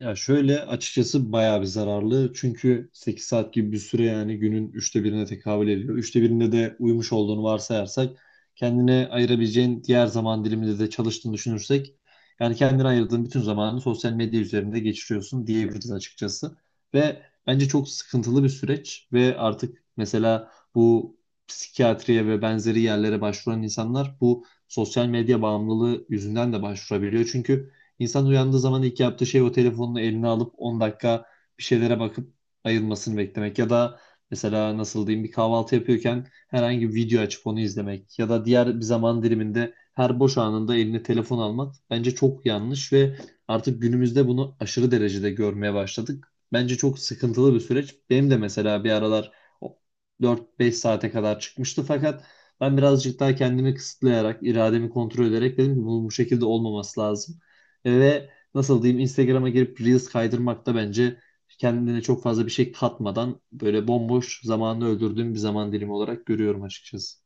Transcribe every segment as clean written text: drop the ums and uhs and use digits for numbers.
Ya şöyle açıkçası bayağı bir zararlı. Çünkü 8 saat gibi bir süre yani günün üçte birine tekabül ediyor. Üçte birinde de uyumuş olduğunu varsayarsak kendine ayırabileceğin diğer zaman diliminde de çalıştığını düşünürsek yani kendine ayırdığın bütün zamanı sosyal medya üzerinde geçiriyorsun diyebiliriz açıkçası. Ve bence çok sıkıntılı bir süreç ve artık mesela bu psikiyatriye ve benzeri yerlere başvuran insanlar bu sosyal medya bağımlılığı yüzünden de başvurabiliyor. Çünkü İnsan uyandığı zaman ilk yaptığı şey o telefonunu eline alıp 10 dakika bir şeylere bakıp ayılmasını beklemek ya da mesela nasıl diyeyim bir kahvaltı yapıyorken herhangi bir video açıp onu izlemek ya da diğer bir zaman diliminde her boş anında eline telefon almak bence çok yanlış ve artık günümüzde bunu aşırı derecede görmeye başladık. Bence çok sıkıntılı bir süreç. Benim de mesela bir aralar o 4-5 saate kadar çıkmıştı fakat ben birazcık daha kendimi kısıtlayarak, irademi kontrol ederek dedim ki bunun bu şekilde olmaması lazım. Ve nasıl diyeyim Instagram'a girip Reels kaydırmak da bence kendine çok fazla bir şey katmadan böyle bomboş zamanını öldürdüğüm bir zaman dilimi olarak görüyorum açıkçası.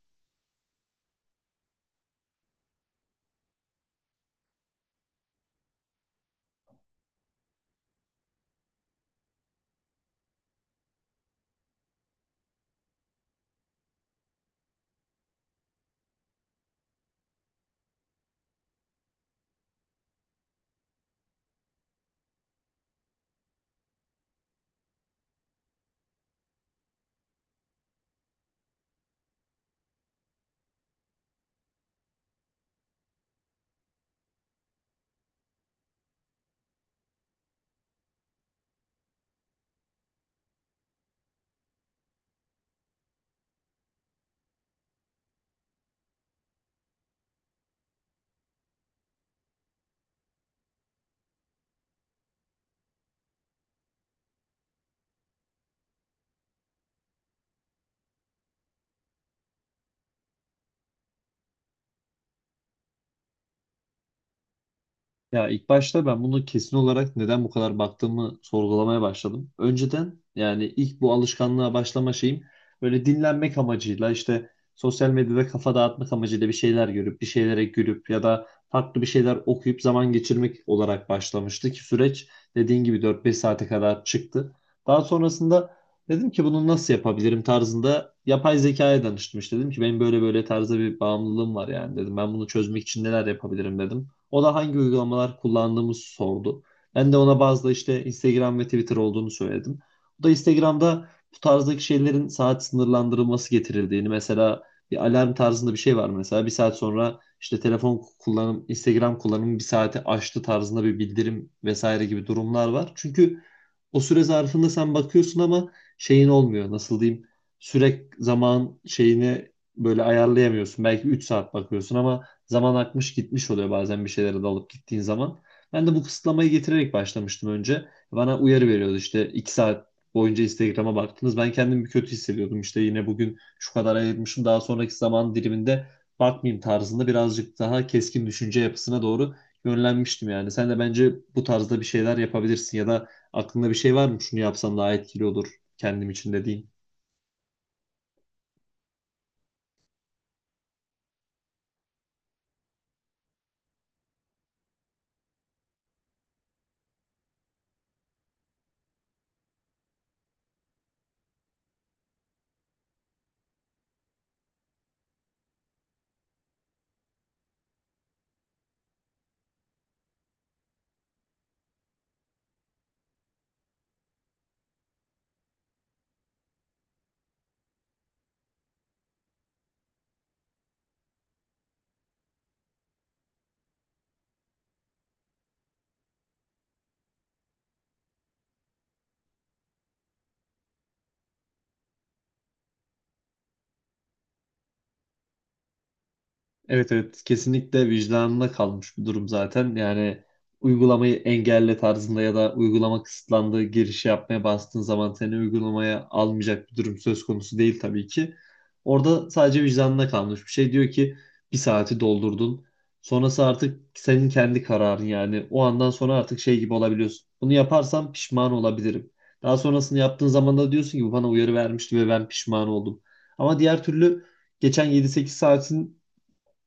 Ya ilk başta ben bunu kesin olarak neden bu kadar baktığımı sorgulamaya başladım. Önceden yani ilk bu alışkanlığa başlama şeyim böyle dinlenmek amacıyla işte sosyal medyada kafa dağıtmak amacıyla bir şeyler görüp bir şeylere gülüp ya da farklı bir şeyler okuyup zaman geçirmek olarak başlamıştı ki süreç dediğin gibi 4-5 saate kadar çıktı. Daha sonrasında dedim ki bunu nasıl yapabilirim tarzında yapay zekaya danıştım. İşte dedim ki benim böyle böyle tarzda bir bağımlılığım var yani dedim, ben bunu çözmek için neler yapabilirim dedim. O da hangi uygulamalar kullandığımızı sordu. Ben de ona bazı da işte Instagram ve Twitter olduğunu söyledim. O da Instagram'da bu tarzdaki şeylerin saat sınırlandırılması getirildiğini, mesela bir alarm tarzında bir şey var, mesela bir saat sonra işte telefon kullanım, Instagram kullanımı bir saati aştı tarzında bir bildirim vesaire gibi durumlar var. Çünkü o süre zarfında sen bakıyorsun ama şeyin olmuyor, nasıl diyeyim, süre zaman şeyini böyle ayarlayamıyorsun. Belki 3 saat bakıyorsun ama zaman akmış gitmiş oluyor bazen bir şeylere dalıp gittiğin zaman. Ben de bu kısıtlamayı getirerek başlamıştım önce. Bana uyarı veriyordu işte, 2 saat boyunca Instagram'a baktınız. Ben kendimi bir kötü hissediyordum. İşte yine bugün şu kadar ayırmışım. Daha sonraki zaman diliminde bakmayayım tarzında birazcık daha keskin düşünce yapısına doğru yönlenmiştim yani. Sen de bence bu tarzda bir şeyler yapabilirsin ya da aklında bir şey var mı? Şunu yapsam daha etkili olur kendim için dediğin. Evet, evet, kesinlikle vicdanına kalmış bir durum zaten. Yani uygulamayı engelle tarzında ya da uygulama kısıtlandığı girişi yapmaya bastığın zaman seni uygulamaya almayacak bir durum söz konusu değil tabii ki. Orada sadece vicdanına kalmış bir şey. Diyor ki bir saati doldurdun. Sonrası artık senin kendi kararın yani. O andan sonra artık şey gibi olabiliyorsun. Bunu yaparsam pişman olabilirim. Daha sonrasını yaptığın zaman da diyorsun ki bu bana uyarı vermişti ve ben pişman oldum. Ama diğer türlü geçen 7-8 saatin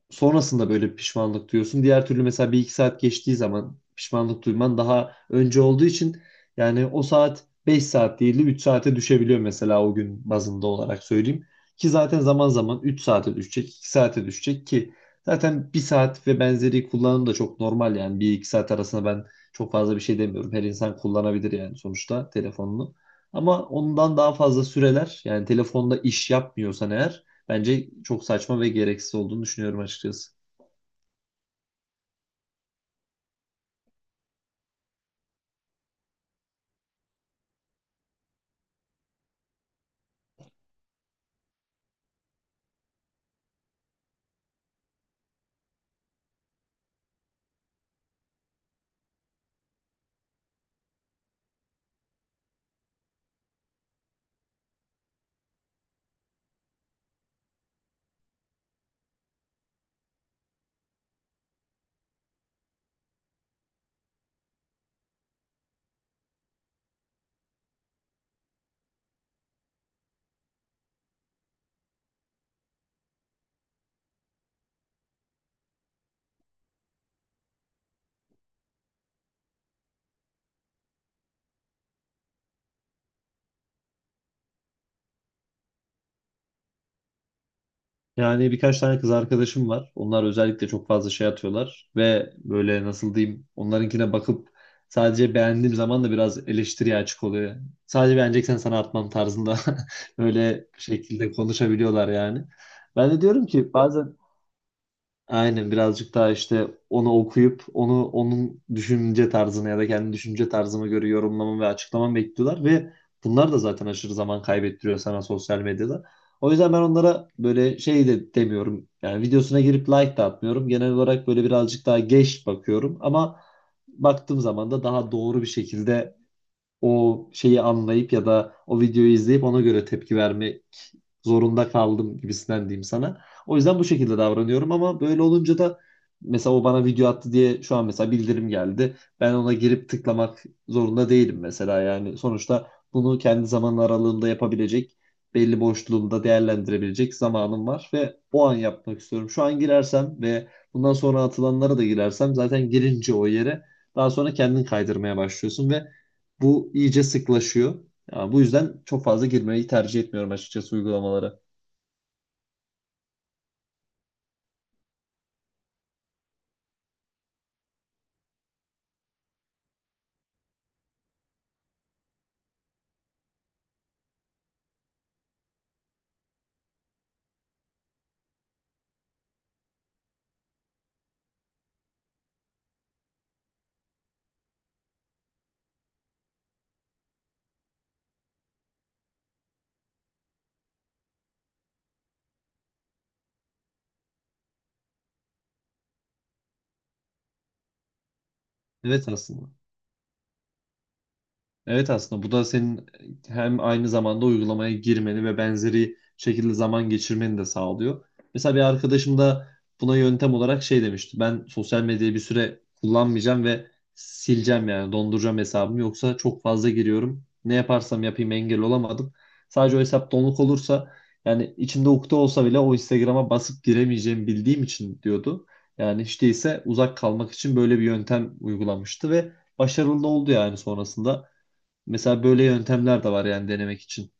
sonrasında böyle pişmanlık duyuyorsun. Diğer türlü mesela 1-2 saat geçtiği zaman pişmanlık duyman daha önce olduğu için yani o saat 5 saat değil de üç saate düşebiliyor mesela, o gün bazında olarak söyleyeyim. Ki zaten zaman zaman 3 saate düşecek, 2 saate düşecek ki zaten bir saat ve benzeri kullanım da çok normal, yani 1-2 saat arasında ben çok fazla bir şey demiyorum. Her insan kullanabilir yani sonuçta telefonunu. Ama ondan daha fazla süreler, yani telefonda iş yapmıyorsan eğer, bence çok saçma ve gereksiz olduğunu düşünüyorum açıkçası. Yani birkaç tane kız arkadaşım var. Onlar özellikle çok fazla şey atıyorlar ve böyle nasıl diyeyim onlarınkine bakıp sadece beğendiğim zaman da biraz eleştiriye açık oluyor. Sadece beğeneceksen sana atmam tarzında böyle bir şekilde konuşabiliyorlar yani. Ben de diyorum ki bazen aynen birazcık daha işte onu okuyup onu onun düşünce tarzını ya da kendi düşünce tarzımı göre yorumlamamı ve açıklamamı bekliyorlar ve bunlar da zaten aşırı zaman kaybettiriyor sana sosyal medyada. O yüzden ben onlara böyle şey de demiyorum. Yani videosuna girip like de atmıyorum. Genel olarak böyle birazcık daha geç bakıyorum ama baktığım zaman da daha doğru bir şekilde o şeyi anlayıp ya da o videoyu izleyip ona göre tepki vermek zorunda kaldım gibisinden diyeyim sana. O yüzden bu şekilde davranıyorum ama böyle olunca da mesela o bana video attı diye şu an mesela bildirim geldi. Ben ona girip tıklamak zorunda değilim mesela, yani sonuçta bunu kendi zaman aralığımda yapabilecek, belli boşluğumda değerlendirebilecek zamanım var ve o an yapmak istiyorum. Şu an girersem ve bundan sonra atılanlara da girersem zaten girince o yere daha sonra kendin kaydırmaya başlıyorsun ve bu iyice sıklaşıyor. Yani bu yüzden çok fazla girmeyi tercih etmiyorum açıkçası uygulamalara. Evet, aslında. Evet aslında bu da senin hem aynı zamanda uygulamaya girmeni ve benzeri şekilde zaman geçirmeni de sağlıyor. Mesela bir arkadaşım da buna yöntem olarak şey demişti. Ben sosyal medyayı bir süre kullanmayacağım ve sileceğim yani donduracağım hesabımı. Yoksa çok fazla giriyorum. Ne yaparsam yapayım engel olamadım. Sadece o hesap donuk olursa yani içimde ukde olsa bile o Instagram'a basıp giremeyeceğimi bildiğim için diyordu. Yani hiç değilse uzak kalmak için böyle bir yöntem uygulamıştı ve başarılı da oldu yani sonrasında. Mesela böyle yöntemler de var yani denemek için.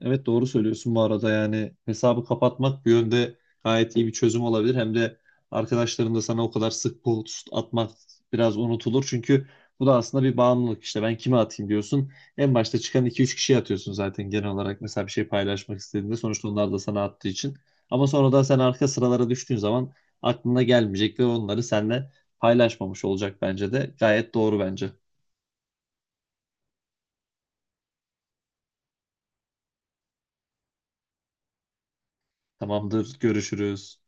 Evet, doğru söylüyorsun bu arada, yani hesabı kapatmak bir yönde gayet iyi bir çözüm olabilir. Hem de arkadaşların da sana o kadar sık post atmak biraz unutulur. Çünkü bu da aslında bir bağımlılık, işte ben kime atayım diyorsun. En başta çıkan 2-3 kişiye atıyorsun zaten genel olarak mesela bir şey paylaşmak istediğinde sonuçta onlar da sana attığı için. Ama sonradan sen arka sıralara düştüğün zaman aklına gelmeyecek ve onları seninle paylaşmamış olacak bence de. Gayet doğru bence. Tamamdır, görüşürüz.